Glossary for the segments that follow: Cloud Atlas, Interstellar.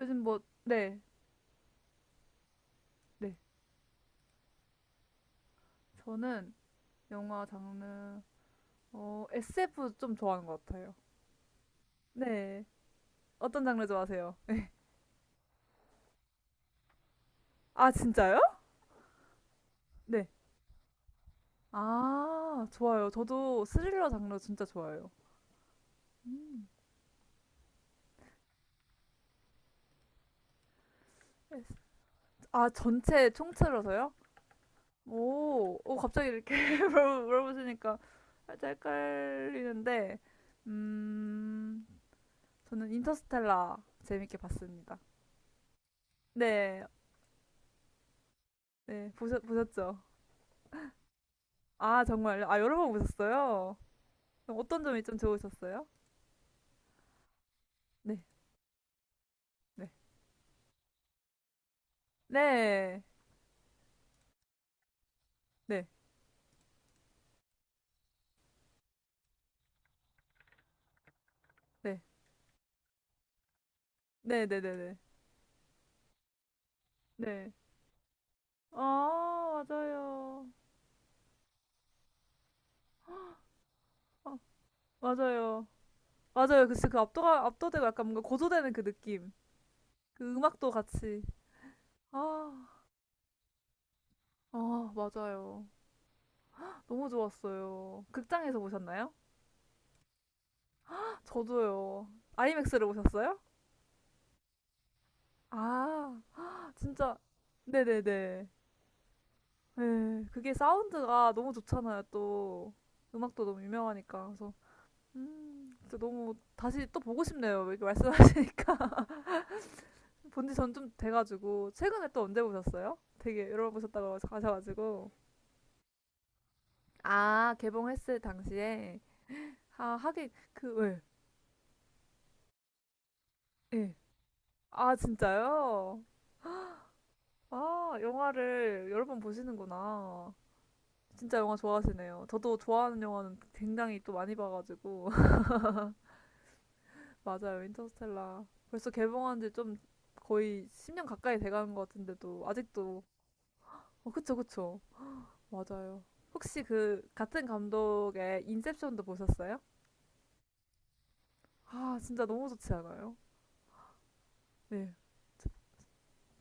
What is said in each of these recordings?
요즘 뭐, 네, 네. 저는 영화 장르, SF 좀 좋아하는 것 같아요. 네. 어떤 장르 좋아하세요? 아, 진짜요? 네. 아, 좋아요. 저도 스릴러 장르 진짜 좋아해요. 음. 에스- 아, 전체 총체로서요? 오, 오, 갑자기 이렇게 물어보시니까 살짝 헷갈리는데, 음, 저는 인터스텔라 재밌게 봤습니다. 네, 네, 보셨죠? 아, 정말요? 아, 여러 번 보셨어요? 그럼 어떤 점이 좀 좋으셨어요? 네, 네. 네, 네, 네. 네네 네 네. 네. 네, 네. 네. 아, 맞아요. 아, 맞아요. 맞아요. 그치, 압도되고 약간 뭔가 고조되는 그 느낌. 그 음악도 같이. 아, 아, 맞아요. 너무 좋았어요. 극장에서 보셨나요? 저도요. 아이맥스로 보셨어요? 아, 진짜. 네네네. 예. 그게 사운드가 너무 좋잖아요, 또. 음악도 너무 유명하니까. 그래서 진짜 너무 다시 또 보고 싶네요. 이렇게 말씀하시니까. 본지 전 좀 돼가지고 최근에 또 언제 보셨어요? 되게 여러 번 보셨다고 하셔가지고 아 개봉했을 당시에 아 하긴 그 예. 예. 아 진짜요? 아 영화를 여러 번 보시는구나. 진짜 영화 좋아하시네요. 저도 좋아하는 영화는 굉장히 또 많이 봐가지고 맞아요. 인터스텔라. 벌써 개봉한 지 좀 거의 10년 가까이 돼가는 것 같은데도 아직도 어 그쵸 그쵸. 맞아요. 혹시 그 같은 감독의 인셉션도 보셨어요? 아 진짜 너무 좋지 않아요? 네.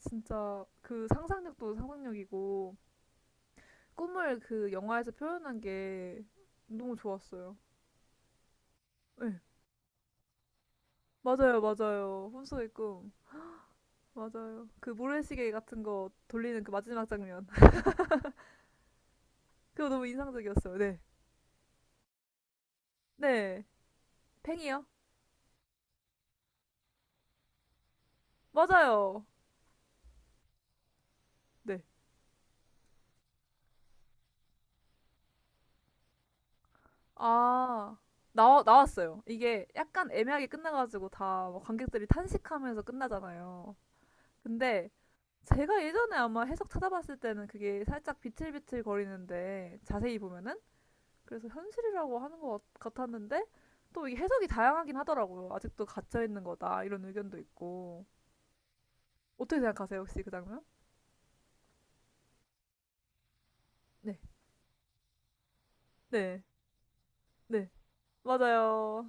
진짜 그 상상력도 상상력이고 꿈을 그 영화에서 표현한 게 너무 좋았어요. 네. 맞아요 맞아요. 혼수의 꿈. 맞아요. 그 모래시계 같은 거 돌리는 그 마지막 장면. 그거 너무 인상적이었어요. 네. 네. 팽이요? 맞아요. 네. 아, 나왔어요. 이게 약간 애매하게 끝나가지고 다 뭐 관객들이 탄식하면서 끝나잖아요. 근데 제가 예전에 아마 해석 찾아봤을 때는 그게 살짝 비틀비틀 거리는데 자세히 보면은 그래서 현실이라고 하는 같았는데 또 이게 해석이 다양하긴 하더라고요. 아직도 갇혀 있는 거다 이런 의견도 있고 어떻게 생각하세요 혹시 그 장면? 네, 네, 네, 맞아요.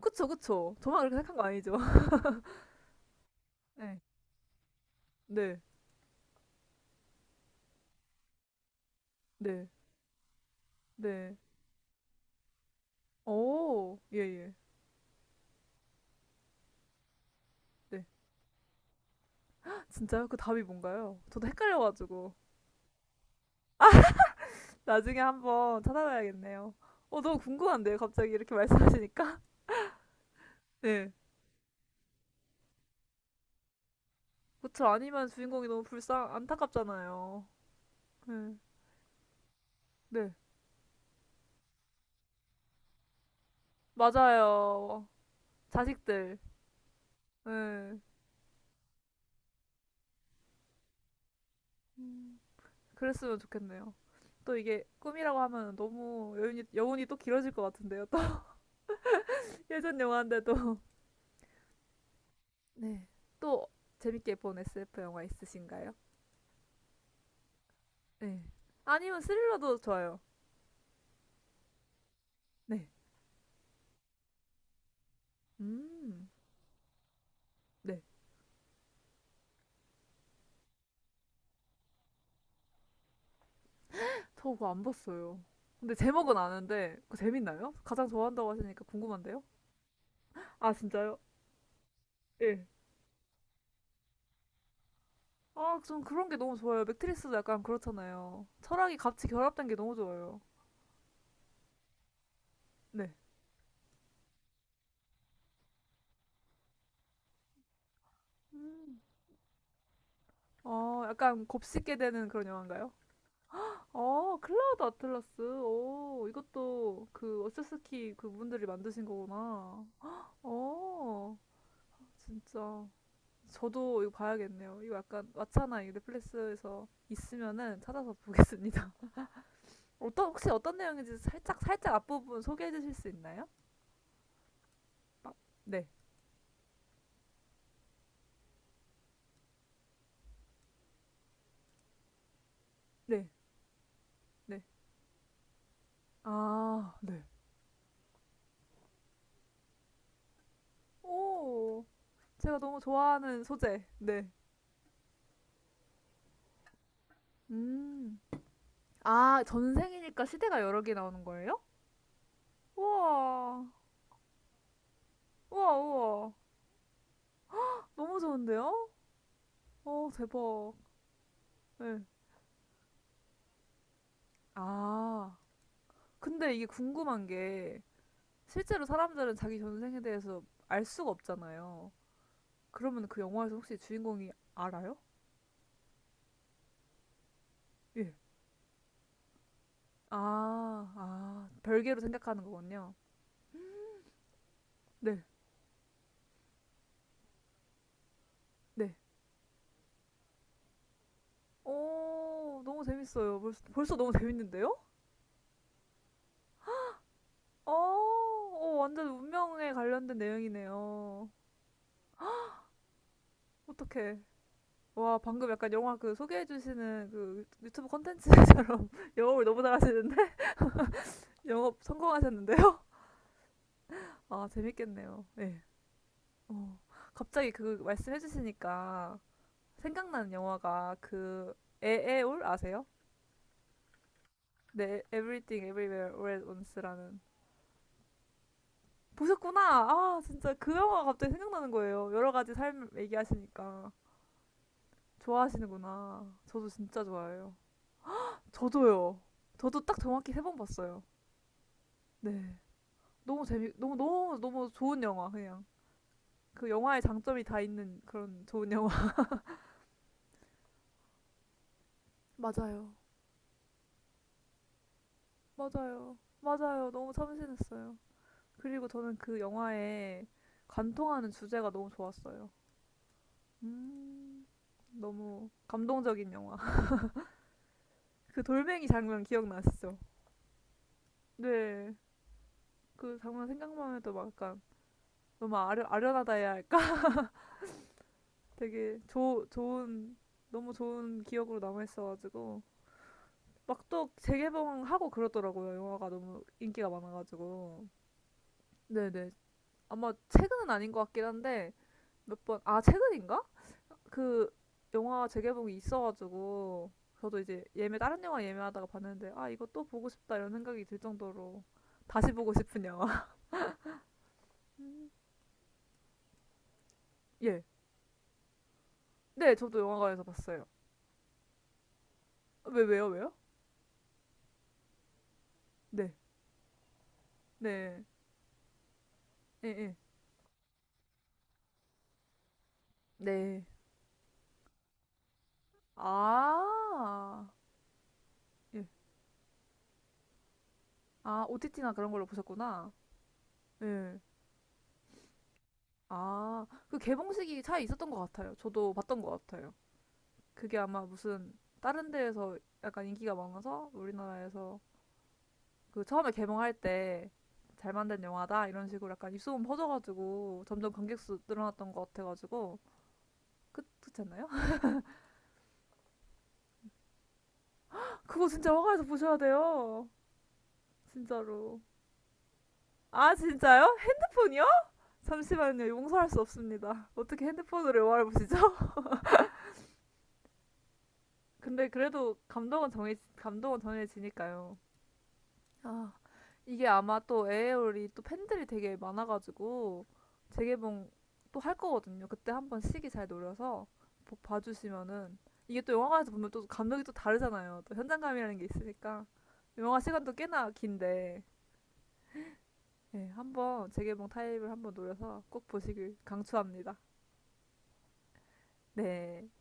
그쵸, 그쵸. 저만 그렇게 생각한 거 아니죠? 네. 네, 네. 네. 오, 예, 예. 네. 진짜요? 그 답이 뭔가요? 저도 헷갈려가지고. 나중에 한번 찾아봐야겠네요. 어, 너무 궁금한데요? 갑자기 이렇게 말씀하시니까? 네. 그쵸. 아니면 주인공이 너무 안타깝잖아요. 네. 네. 맞아요. 자식들. 네. 음, 그랬으면 좋겠네요. 또 이게 꿈이라고 하면 너무 여운이 또 길어질 것 같은데요. 또 예전 영화인데도. 네. 또 재밌게 본 SF 영화 있으신가요? 네. 아니면 스릴러도 좋아요. 네. 음. 네. 저 그거 안 봤어요. 근데 제목은 아는데 그거 재밌나요? 가장 좋아한다고 하시니까 궁금한데요? 아, 진짜요? 예. 아, 전 그런 게 너무 좋아요. 맥트리스도 약간 그렇잖아요. 철학이 같이 결합된 게 너무 좋아요. 네. 음. 어, 약간 곱씹게 되는 그런 영화인가요? 어, 클라우드 아틀라스. 오, 이것도 그 어스스키 그분들이 만드신 거구나. 어, 진짜. 저도 이거 봐야겠네요. 이거 약간 왓챠나 이 넷플릭스에서 있으면은 찾아서 보겠습니다. 어떤 내용인지 살짝 살짝 앞부분 소개해 주실 수 있나요? 막, 네. 네. 네. 아, 네. 오. 제가 너무 좋아하는 소재. 네. 음. 아, 전생이니까 시대가 여러 개 나오는 거예요? 우와. 우와, 우와. 너무 좋은데요? 어, 대박. 네. 아. 근데 이게 궁금한 게 실제로 사람들은 자기 전생에 대해서 알 수가 없잖아요. 그러면 그 영화에서 혹시 주인공이 알아요? 예. 아, 아, 별개로 생각하는 거군요. 네, 네. 오, 너무 재밌어요. 벌써 너무 재밌는데요? 어, 어, 완전 운명에 관련된 내용이네요. 어떡해. 와, 방금 약간 영화 그 소개해주시는 그 유튜브 컨텐츠처럼 영업을 너무 잘하시는데? 영업 성공하셨는데요? 아, 재밌겠네요. 예. 어, 갑자기 그 말씀해 주시니까 생각나는 영화가 그 에에올 아세요? 네, Everything Everywhere All at Once라는 보셨구나. 아, 진짜 그 영화가 갑자기 생각나는 거예요. 여러 가지 삶 얘기하시니까 좋아하시는구나. 저도 진짜 좋아해요. 저도요. 저도 딱 정확히 세 번 봤어요. 네. 너무 너무 너무 좋은 영화 그냥. 그 영화의 장점이 다 있는 그런 좋은 영화. 맞아요. 맞아요. 맞아요. 너무 참신했어요. 그리고 저는 그 영화에 관통하는 주제가 너무 좋았어요. 음, 너무 감동적인 영화. 그 돌멩이 장면 기억나시죠? 네. 그 장면 생각만 해도 막 약간 너무 아련하다 해야 할까? 되게 좋은, 너무 좋은 기억으로 남아있어가지고. 막 또 재개봉하고 그러더라고요. 영화가 너무 인기가 많아가지고. 네네. 아마 최근은 아닌 것 같긴 한데, 몇 번, 아, 최근인가? 그 영화 재개봉이 있어가지고 저도 이제 예매 다른 영화 예매하다가 봤는데 아 이거 또 보고 싶다 이런 생각이 들 정도로 다시 보고 싶은 영화. 예. 네, 저도 영화관에서 봤어요. 왜 왜요? 네. 네. 예 예. 네. 아. 예. 아 OTT나 그런 걸로 보셨구나. 예. 아, 그 개봉식이 차이 있었던 것 같아요. 저도 봤던 것 같아요. 그게 아마 무슨 다른 데에서 약간 인기가 많아서 우리나라에서 그 처음에 개봉할 때 잘 만든 영화다 이런 식으로 약간 입소문 퍼져가지고 점점 관객 수 늘어났던 것 같아가지고 끝 끝잖아요? 그거 진짜 화가에서 보셔야 돼요. 진짜로. 아 진짜요? 핸드폰이요? 잠시만요. 용서할 수 없습니다. 어떻게 핸드폰으로 영화를 보시죠? 근데 그래도 감동은 정해 감은 정해지니까요. 아, 이게 아마 또 에어리 또 팬들이 되게 많아가지고 재개봉 또 할 거거든요. 그때 한번 시기 잘 노려서 봐주시면은 이게 또 영화관에서 보면 또 감독이 또 다르잖아요. 또 현장감이라는 게 있으니까 영화 시간도 꽤나 긴데 네, 한번 재개봉 타입을 한번 노려서 꼭 보시길 강추합니다. 네.